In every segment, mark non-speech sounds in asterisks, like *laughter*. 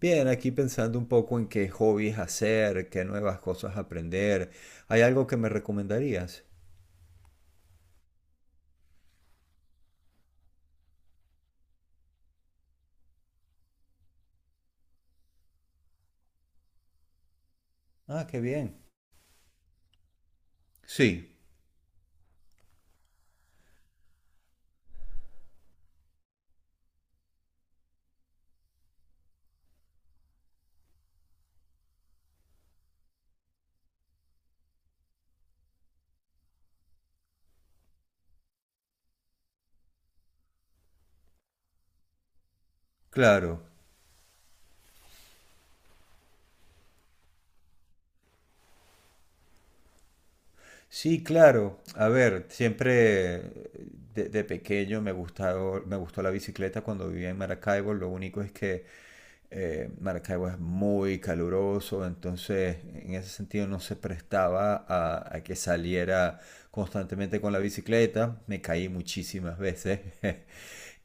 Bien, aquí pensando un poco en qué hobbies hacer, qué nuevas cosas aprender. ¿Hay algo que me recomendarías? Ah, qué bien. Sí, claro. Sí, claro. A ver, siempre de pequeño me gustado, me gustó la bicicleta cuando vivía en Maracaibo. Lo único es que Maracaibo es muy caluroso, entonces en ese sentido no se prestaba a que saliera constantemente con la bicicleta. Me caí muchísimas veces. *laughs*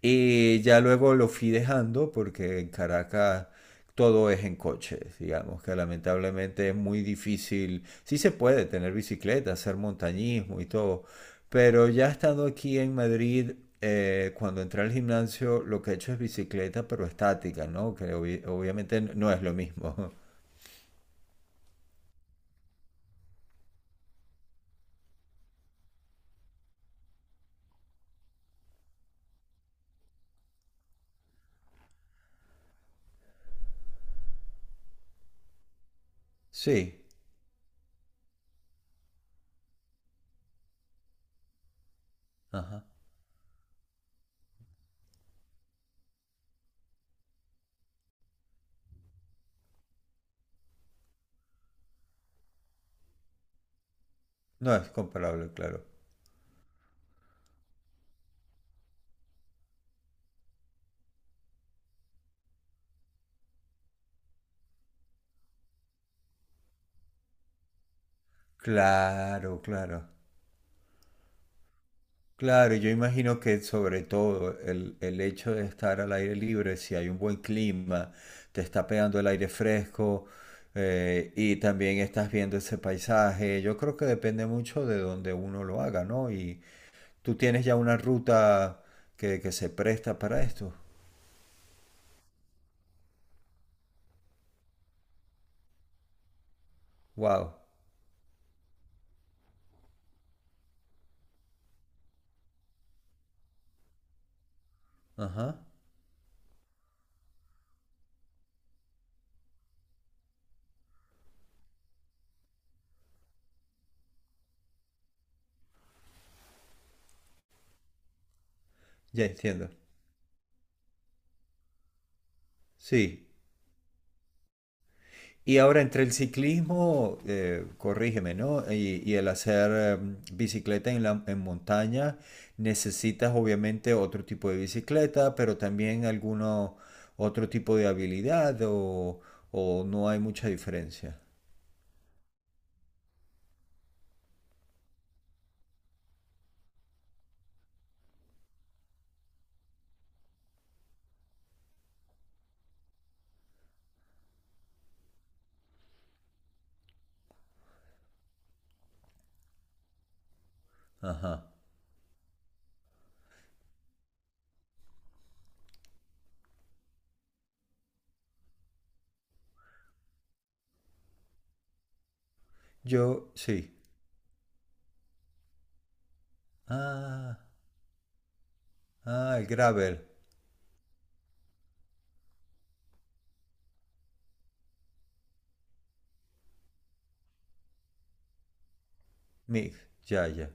Y ya luego lo fui dejando porque en Caracas todo es en coches, digamos, que lamentablemente es muy difícil. Sí se puede tener bicicleta, hacer montañismo y todo, pero ya estando aquí en Madrid, cuando entré al gimnasio, lo que he hecho es bicicleta, pero estática, ¿no? Que obviamente no es lo mismo. *laughs* Sí, ajá. No es comparable, claro. Claro, claro. Claro, yo imagino que sobre todo el hecho de estar al aire libre, si hay un buen clima, te está pegando el aire fresco y también estás viendo ese paisaje. Yo creo que depende mucho de donde uno lo haga, ¿no? Y tú tienes ya una ruta que se presta para esto. Wow. Ajá. Ya entiendo. Sí. Y ahora entre el ciclismo, corrígeme, ¿no? Y el hacer bicicleta en en montaña, necesitas obviamente otro tipo de bicicleta, pero también alguno otro tipo de habilidad o no hay mucha diferencia. Ajá. Yo, sí. Ah, ah, el gravel. Mix, ya, ya.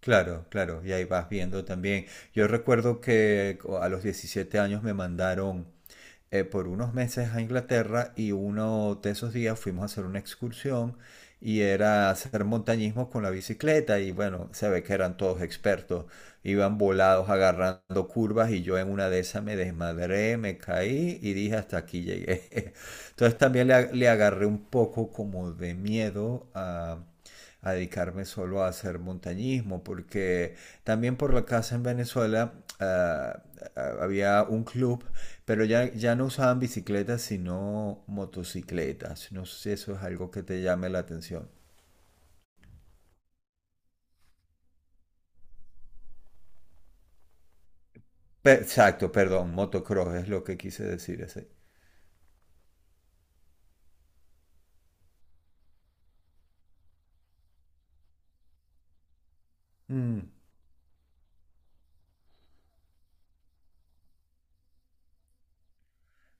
Claro, claro, y ahí vas viendo también. Yo recuerdo que a los 17 años me mandaron por unos meses a Inglaterra y uno de esos días fuimos a hacer una excursión y era hacer montañismo con la bicicleta y bueno, se ve que eran todos expertos, iban volados agarrando curvas y yo en una de esas me desmadré, me caí y dije hasta aquí llegué. *laughs* Entonces también le agarré un poco como de miedo a dedicarme solo a hacer montañismo, porque también por la casa en Venezuela había un club pero ya no usaban bicicletas, sino motocicletas. No sé si eso es algo que te llame la atención. Exacto, perdón, motocross es lo que quise decir ese. Mm,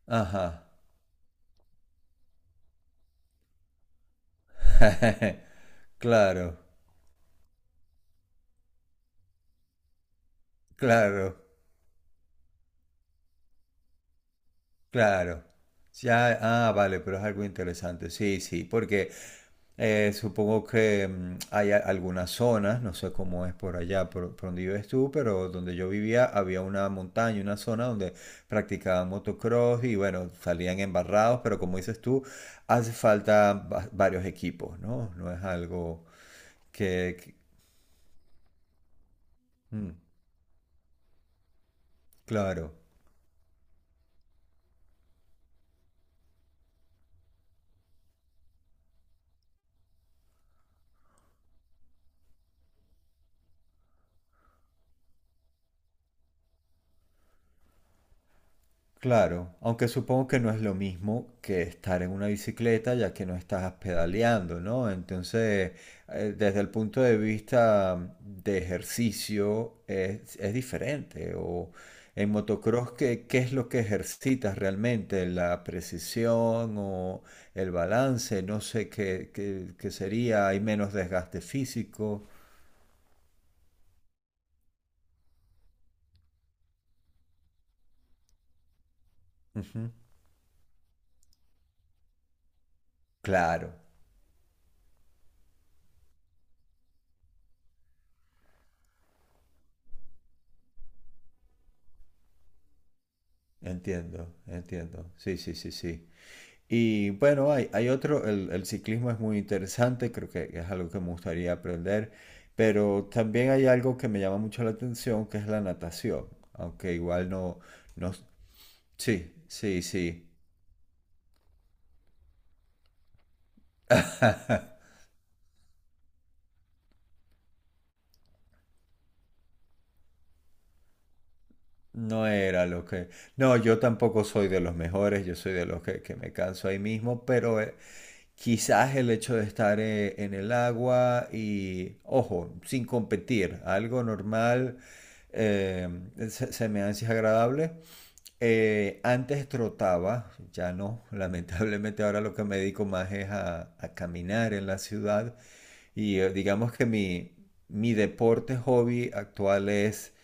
ajá. *laughs* Claro, claro. Claro. Ya, ah, ah, vale, pero es algo interesante. Sí, sí, porque supongo que hay algunas zonas, no sé cómo es por allá, por donde vives tú, pero donde yo vivía había una montaña, una zona donde practicaban motocross y bueno, salían embarrados, pero como dices tú, hace falta varios equipos, ¿no? No es algo que- mm, claro. Claro, aunque supongo que no es lo mismo que estar en una bicicleta ya que no estás pedaleando, ¿no? Entonces, desde el punto de vista de ejercicio es diferente. O en motocross, ¿qué, qué es lo que ejercitas realmente? ¿La precisión o el balance? No sé qué, qué sería. Hay menos desgaste físico. Ujú. Claro, entiendo, entiendo. Sí, sí, sí, sí. Y bueno, hay otro, el ciclismo es muy interesante, creo que es algo que me gustaría aprender, pero también hay algo que me llama mucho la atención, que es la natación, aunque igual no, no, sí, sí, sí, no era lo que, no, yo tampoco soy de los mejores, yo soy de los que me canso ahí mismo, pero quizás el hecho de estar en el agua y, ojo, sin competir, algo normal, eh, se, se me hace agradable. Antes trotaba, ya no, *laughs* lamentablemente ahora lo que me dedico más es a caminar en la ciudad y digamos que mi deporte hobby actual es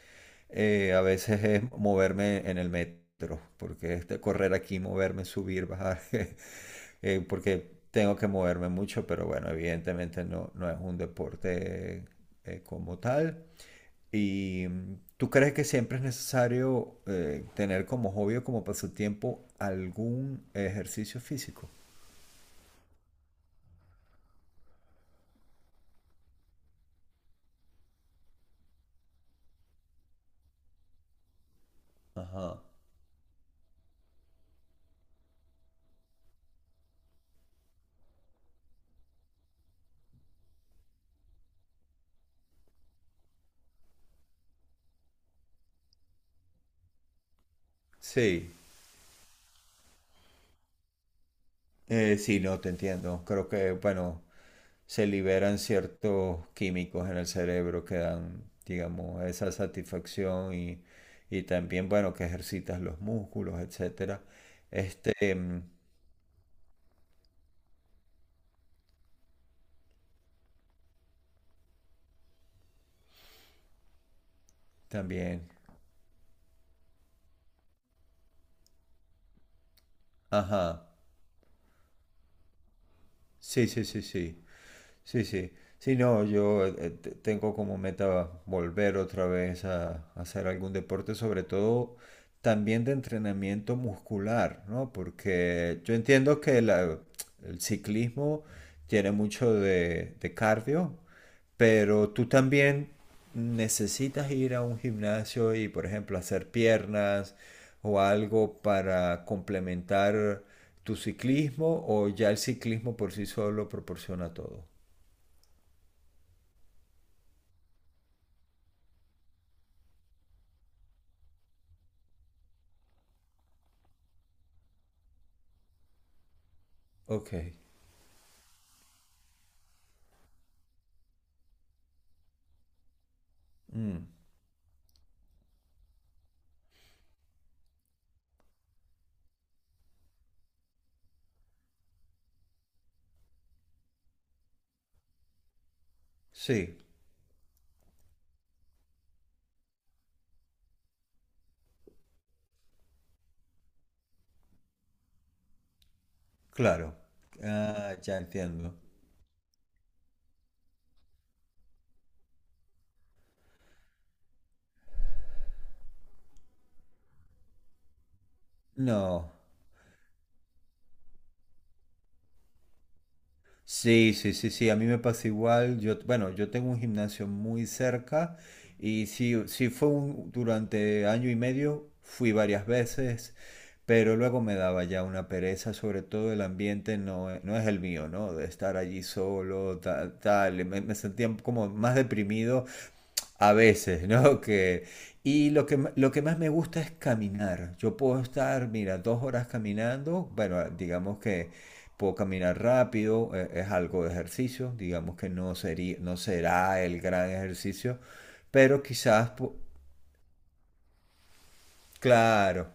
a veces es moverme en el metro, porque es de correr aquí, moverme, subir, bajar, *laughs* porque tengo que moverme mucho, pero bueno, evidentemente no, no es un deporte como tal. ¿Y tú crees que siempre es necesario tener como hobby o como pasatiempo algún ejercicio físico? Ajá. Sí, sí, no, te entiendo. Creo que, bueno, se liberan ciertos químicos en el cerebro que dan, digamos, esa satisfacción y también, bueno, que ejercitas los músculos, etcétera. Este, em, también. Ajá. Sí, sí, sí, sí. Sí, sí. Sí, no, yo tengo como meta volver otra vez a hacer algún deporte, sobre todo también de entrenamiento muscular, ¿no? Porque yo entiendo que el ciclismo tiene mucho de cardio, pero tú también necesitas ir a un gimnasio y, por ejemplo, hacer piernas o algo para complementar tu ciclismo, o ya el ciclismo por sí solo proporciona todo. Ok. Mm. Sí, claro. Ah, ya entiendo. No. Sí, sí, sí, sí, a mí me pasa igual. Yo, bueno, yo tengo un gimnasio muy cerca y sí, sí fue un, durante año y medio, fui varias veces, pero luego me daba ya una pereza, sobre todo el ambiente no, no es el mío, ¿no? De estar allí solo, tal, tal, y me sentía como más deprimido a veces, *laughs* ¿no? Que, y lo que, lo que más me gusta es caminar. Yo puedo estar, mira, 2 horas caminando. Bueno, digamos que puedo caminar rápido, es algo de ejercicio. Digamos que no sería, no será el gran ejercicio, pero quizás, claro.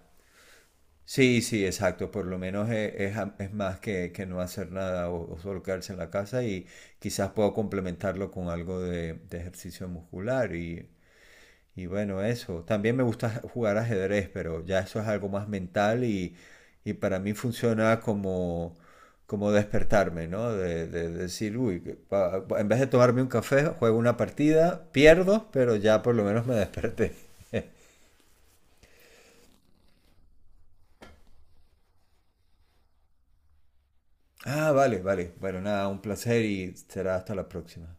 Sí, sí, exacto. Por lo menos es, es más que no hacer nada o, o solo quedarse en la casa y quizás puedo complementarlo con algo de ejercicio muscular. Y y bueno, eso. También me gusta *laughs* jugar ajedrez, pero ya eso es algo más mental y para mí funciona como, como despertarme, ¿no? De decir, uy, que en vez de tomarme un café, juego una partida, pierdo, pero ya por lo menos me desperté. *laughs* Ah, vale, vale. Bueno, nada, un placer y será hasta la próxima.